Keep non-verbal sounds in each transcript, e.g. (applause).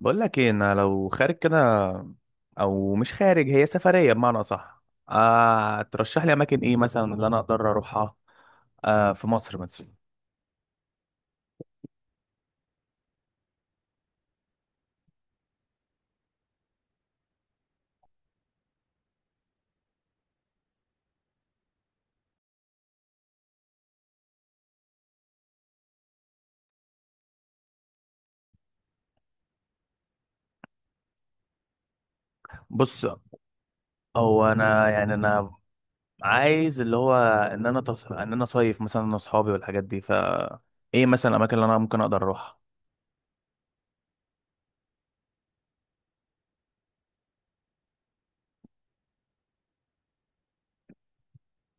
بقول لك ايه، انا لو خارج كده او مش خارج، هي سفريه بمعنى اصح. ترشح لي اماكن ايه مثلا اللي انا اقدر اروحها؟ في مصر مثلا. بص، هو انا يعني انا عايز اللي هو ان انا صيف مثلا انا واصحابي والحاجات دي، ايه مثلا الاماكن اللي انا ممكن اقدر اروحها؟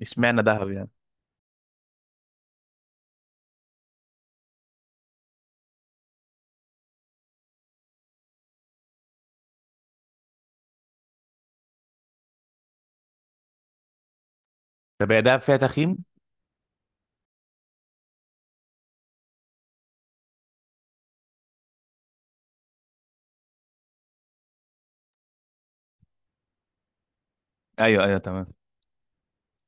اشمعنى دهب يعني؟ طب هي دهب فيها تخييم؟ ايوه ايوه تمام.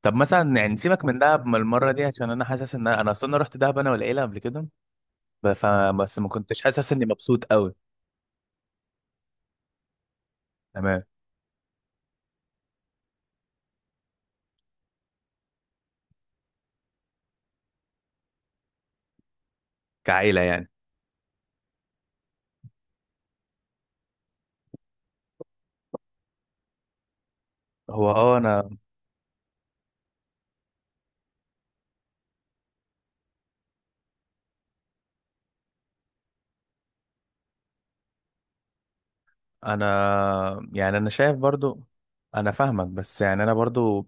طب مثلا يعني سيبك من دهب من المره دي، عشان انا حاسس ان انا اصلا رحت دهب انا والعيله قبل كده. بس ما كنتش حاسس اني مبسوط قوي. تمام. كعيلة يعني. هو انا. انا يعني انا شايف برضو. انا فاهمك بس يعني انا برضو،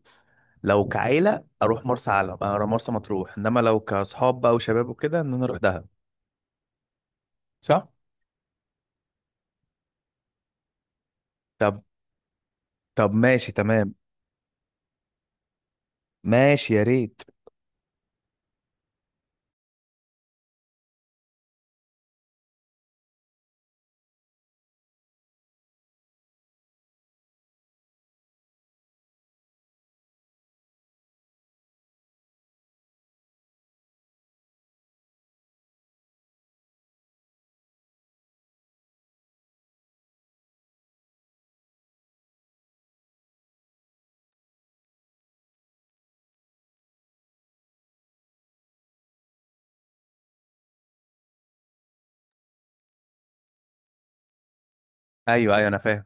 لو كعيلة اروح مرسى علم، اروح مرسى مطروح، انما لو كاصحاب بقى وشباب وكده ان انا اروح دهب. صح. طب. طب ماشي تمام. ماشي يا ريت. ايوه ايوه انا فاهم.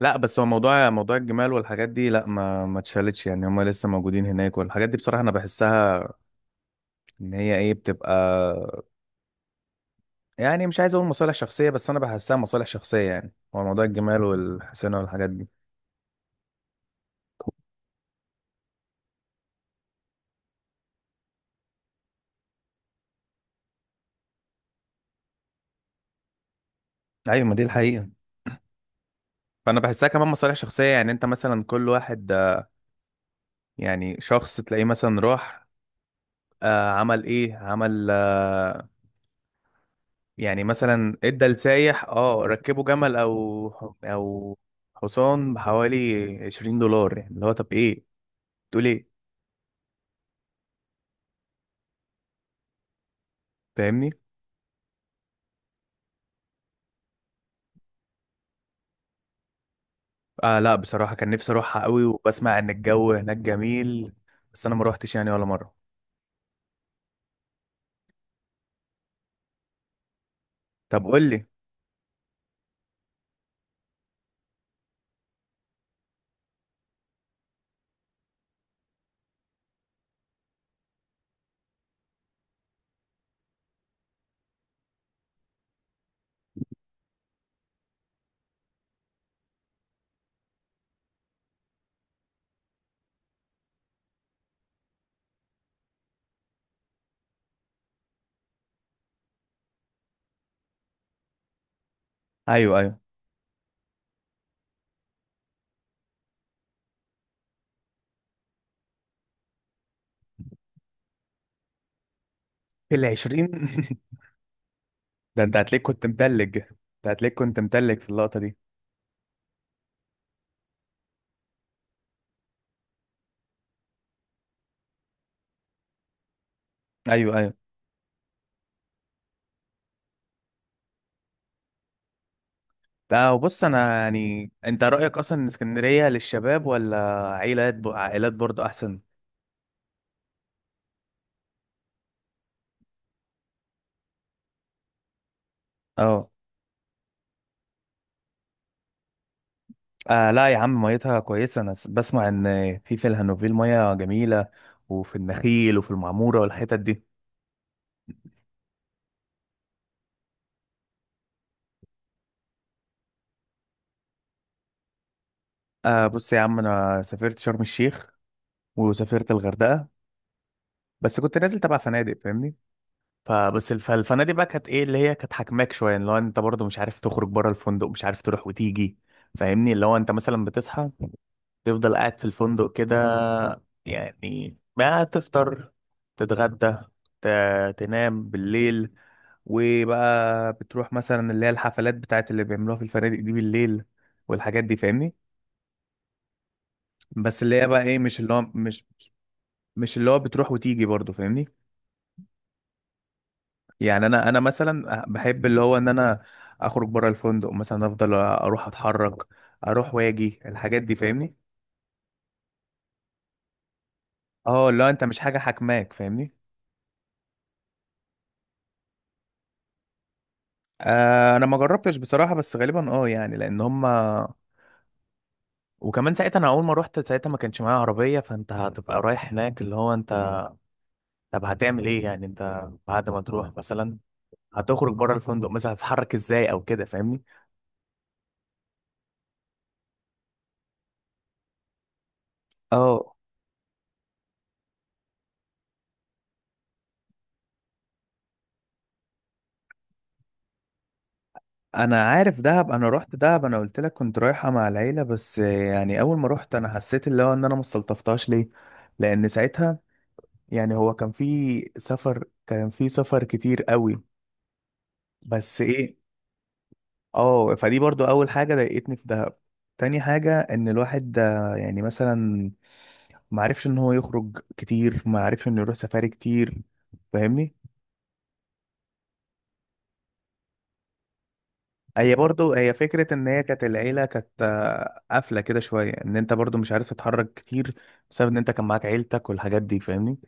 لا، بس هو موضوع الجمال والحاجات دي، لا ما اتشالتش، يعني هم لسه موجودين هناك والحاجات دي، بصراحة انا بحسها ان هي ايه بتبقى، يعني مش عايز اقول مصالح شخصيه، بس انا بحسها مصالح شخصيه، يعني هو موضوع الجمال والحسنه والحاجات دي. ايوه، ما دي الحقيقه. فانا بحسها كمان مصالح شخصيه، يعني انت مثلا كل واحد يعني شخص تلاقيه مثلا راح عمل ايه، عمل يعني مثلا ادى لسايح، ركبه جمل او او حصان بحوالي 20 دولار، يعني اللي هو طب ايه، تقول ايه؟ فاهمني. آه، لا بصراحه كان نفسي اروحها قوي، وبسمع ان الجو هناك جميل، بس انا ما روحتش يعني ولا مره. طب قول لي. ايوه ايوه، في العشرين. (laughs) ده انت هتلاقيك كنت متلج انت. هتلاقيك كنت متلج في اللقطة دي. ايوه ايوه. لا وبص، انا يعني انت رأيك اصلا ان اسكندرية للشباب ولا عائلات؟ برضو احسن. اه. آه، لا يا عم، ميتها كويسة. أنا بسمع إن في الهانوفيل مية جميلة، وفي النخيل وفي المعمورة والحتت دي. آه، بص يا عم، أنا سافرت شرم الشيخ وسافرت الغردقة. بس كنت نازل تبع فنادق، فاهمني؟ فالفنادق بقى كانت ايه، اللي هي كانت حاكماك شويه، اللي هو انت برضه مش عارف تخرج بره الفندق، مش عارف تروح وتيجي، فاهمني؟ اللي هو انت مثلا بتصحى، تفضل قاعد في الفندق كده، يعني ما تفطر، تتغدى، تنام بالليل، وبقى بتروح مثلا اللي هي الحفلات بتاعت اللي بيعملوها في الفنادق دي بالليل والحاجات دي، فاهمني؟ بس اللي هي بقى ايه، مش اللي هو مش اللي هو بتروح وتيجي برضه، فاهمني؟ يعني انا مثلا بحب اللي هو ان انا اخرج بره الفندق، مثلا افضل اروح اتحرك، اروح واجي الحاجات دي، فاهمني؟ اه، اللي هو انت مش حاجه حاكماك، فاهمني؟ آه، انا ما جربتش بصراحه، بس غالبا يعني لان هما، وكمان ساعتها انا اول ما روحت ساعتها ما كانش معايا عربيه، فانت هتبقى رايح هناك اللي هو انت، طب هتعمل ايه يعني انت بعد ما تروح؟ مثلا هتخرج بره الفندق، مثلا هتتحرك ازاي او كده، فاهمني؟ اه، انا عارف دهب، انا رحت دهب، انا قلت لك كنت رايحه مع العيله، بس يعني اول ما رحت انا حسيت اللي هو ان انا ما استلطفتهاش ليه. لان ساعتها يعني هو كان في سفر كتير قوي. بس ايه، اه فدي برضو اول حاجه ضايقتني في دهب. تاني حاجه ان الواحد ده يعني مثلا ما عرفش ان هو يخرج كتير، ما عرفش انه يروح سفاري كتير، فاهمني؟ هي برضو هي فكرة ان هي كانت العيلة كانت قافلة كده شوية، ان انت برضو مش عارف تتحرك كتير بسبب ان انت كان معاك عيلتك والحاجات دي، فاهمني؟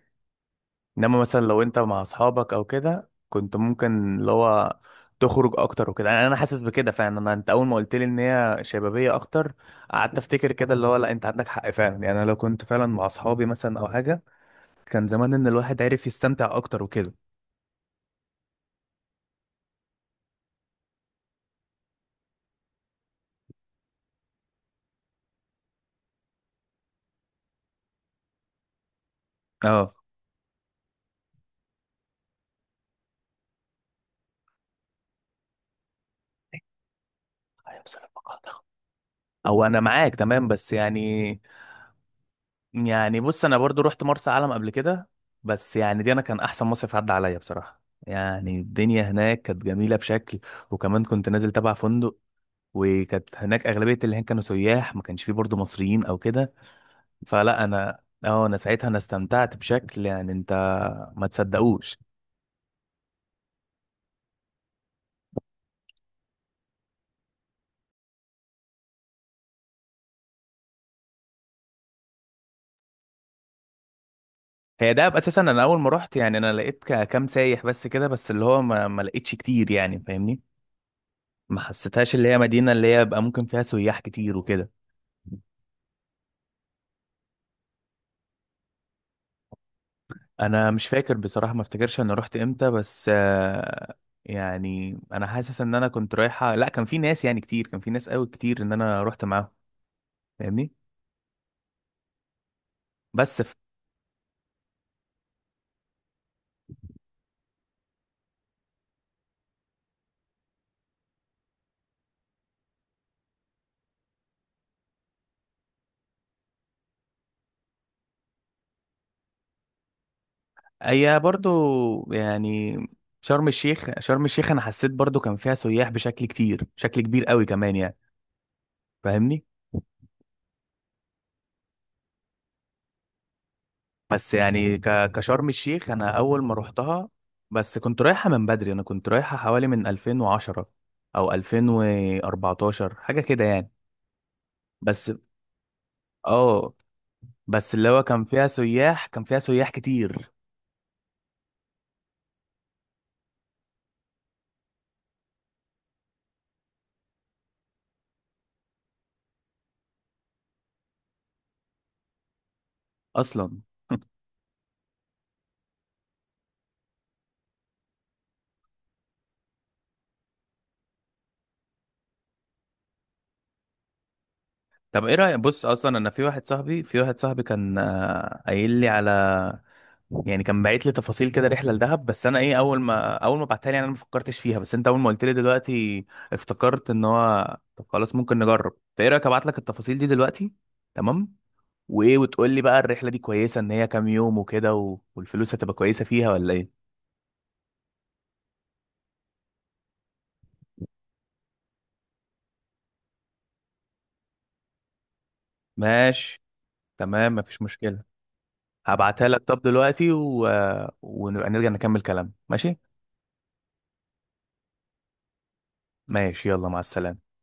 انما مثلا لو انت مع اصحابك او كده كنت ممكن اللي هو تخرج اكتر وكده، يعني انا حاسس بكده فعلا. انت اول ما قلت لي ان هي شبابية اكتر، قعدت افتكر كده اللي هو لا، انت عندك حق فعلا، يعني انا لو كنت فعلا مع اصحابي مثلا او حاجة كان زمان ان الواحد عارف يستمتع اكتر وكده. اه، أيوة، بسم الله الرحمن الرحيم. او انا معاك تمام بس يعني، يعني بص انا برضو رحت مرسى علم قبل كده، بس يعني دي انا كان احسن مصيف عدى عليا بصراحه، يعني الدنيا هناك كانت جميله بشكل، وكمان كنت نازل تبع فندق، وكانت هناك اغلبيه اللي هناك كانوا سياح، ما كانش فيه برضو مصريين او كده. فلا انا، اه، انا ساعتها انا استمتعت بشكل يعني انت ما تصدقوش. هي دهب اساسا انا اول ما رحت يعني انا لقيت كام سايح بس كده، بس اللي هو ما لقيتش كتير، يعني فاهمني. ما حسيتهاش اللي هي مدينه اللي هي بقى ممكن فيها سياح كتير وكده. انا مش فاكر بصراحة، ما افتكرش انا رحت امتى، بس يعني انا حاسس ان انا كنت رايحة، لا كان في ناس يعني كتير، كان في ناس قوي كتير ان انا رحت معاهم، فاهمني؟ بس في، اي برضو يعني، شرم الشيخ انا حسيت برضو كان فيها سياح بشكل كتير، بشكل كبير قوي كمان يعني، فاهمني؟ بس يعني كشرم الشيخ انا اول ما رحتها، بس كنت رايحة من بدري، انا كنت رايحة حوالي من 2010 او 2014 حاجة كده يعني. بس اه بس اللي هو كان فيها سياح كتير اصلا. (laughs) طب ايه رأيك، بص اصلا انا في واحد صاحبي كان قايل لي على، يعني كان باعت لي تفاصيل كده رحله لدهب، بس انا ايه، اول ما بعتها لي يعني انا ما فكرتش فيها، بس انت اول ما قلت لي دلوقتي افتكرت ان هو طب خلاص ممكن نجرب. فايه رايك ابعت لك التفاصيل دي دلوقتي؟ تمام. وايه، وتقول لي بقى الرحله دي كويسه، ان هي كام يوم وكده والفلوس هتبقى كويسه فيها ولا ايه؟ ماشي. تمام مفيش مشكله. هبعتها لك طب دلوقتي ونبقى نرجع نكمل كلام، ماشي. ماشي يلا، مع السلامة.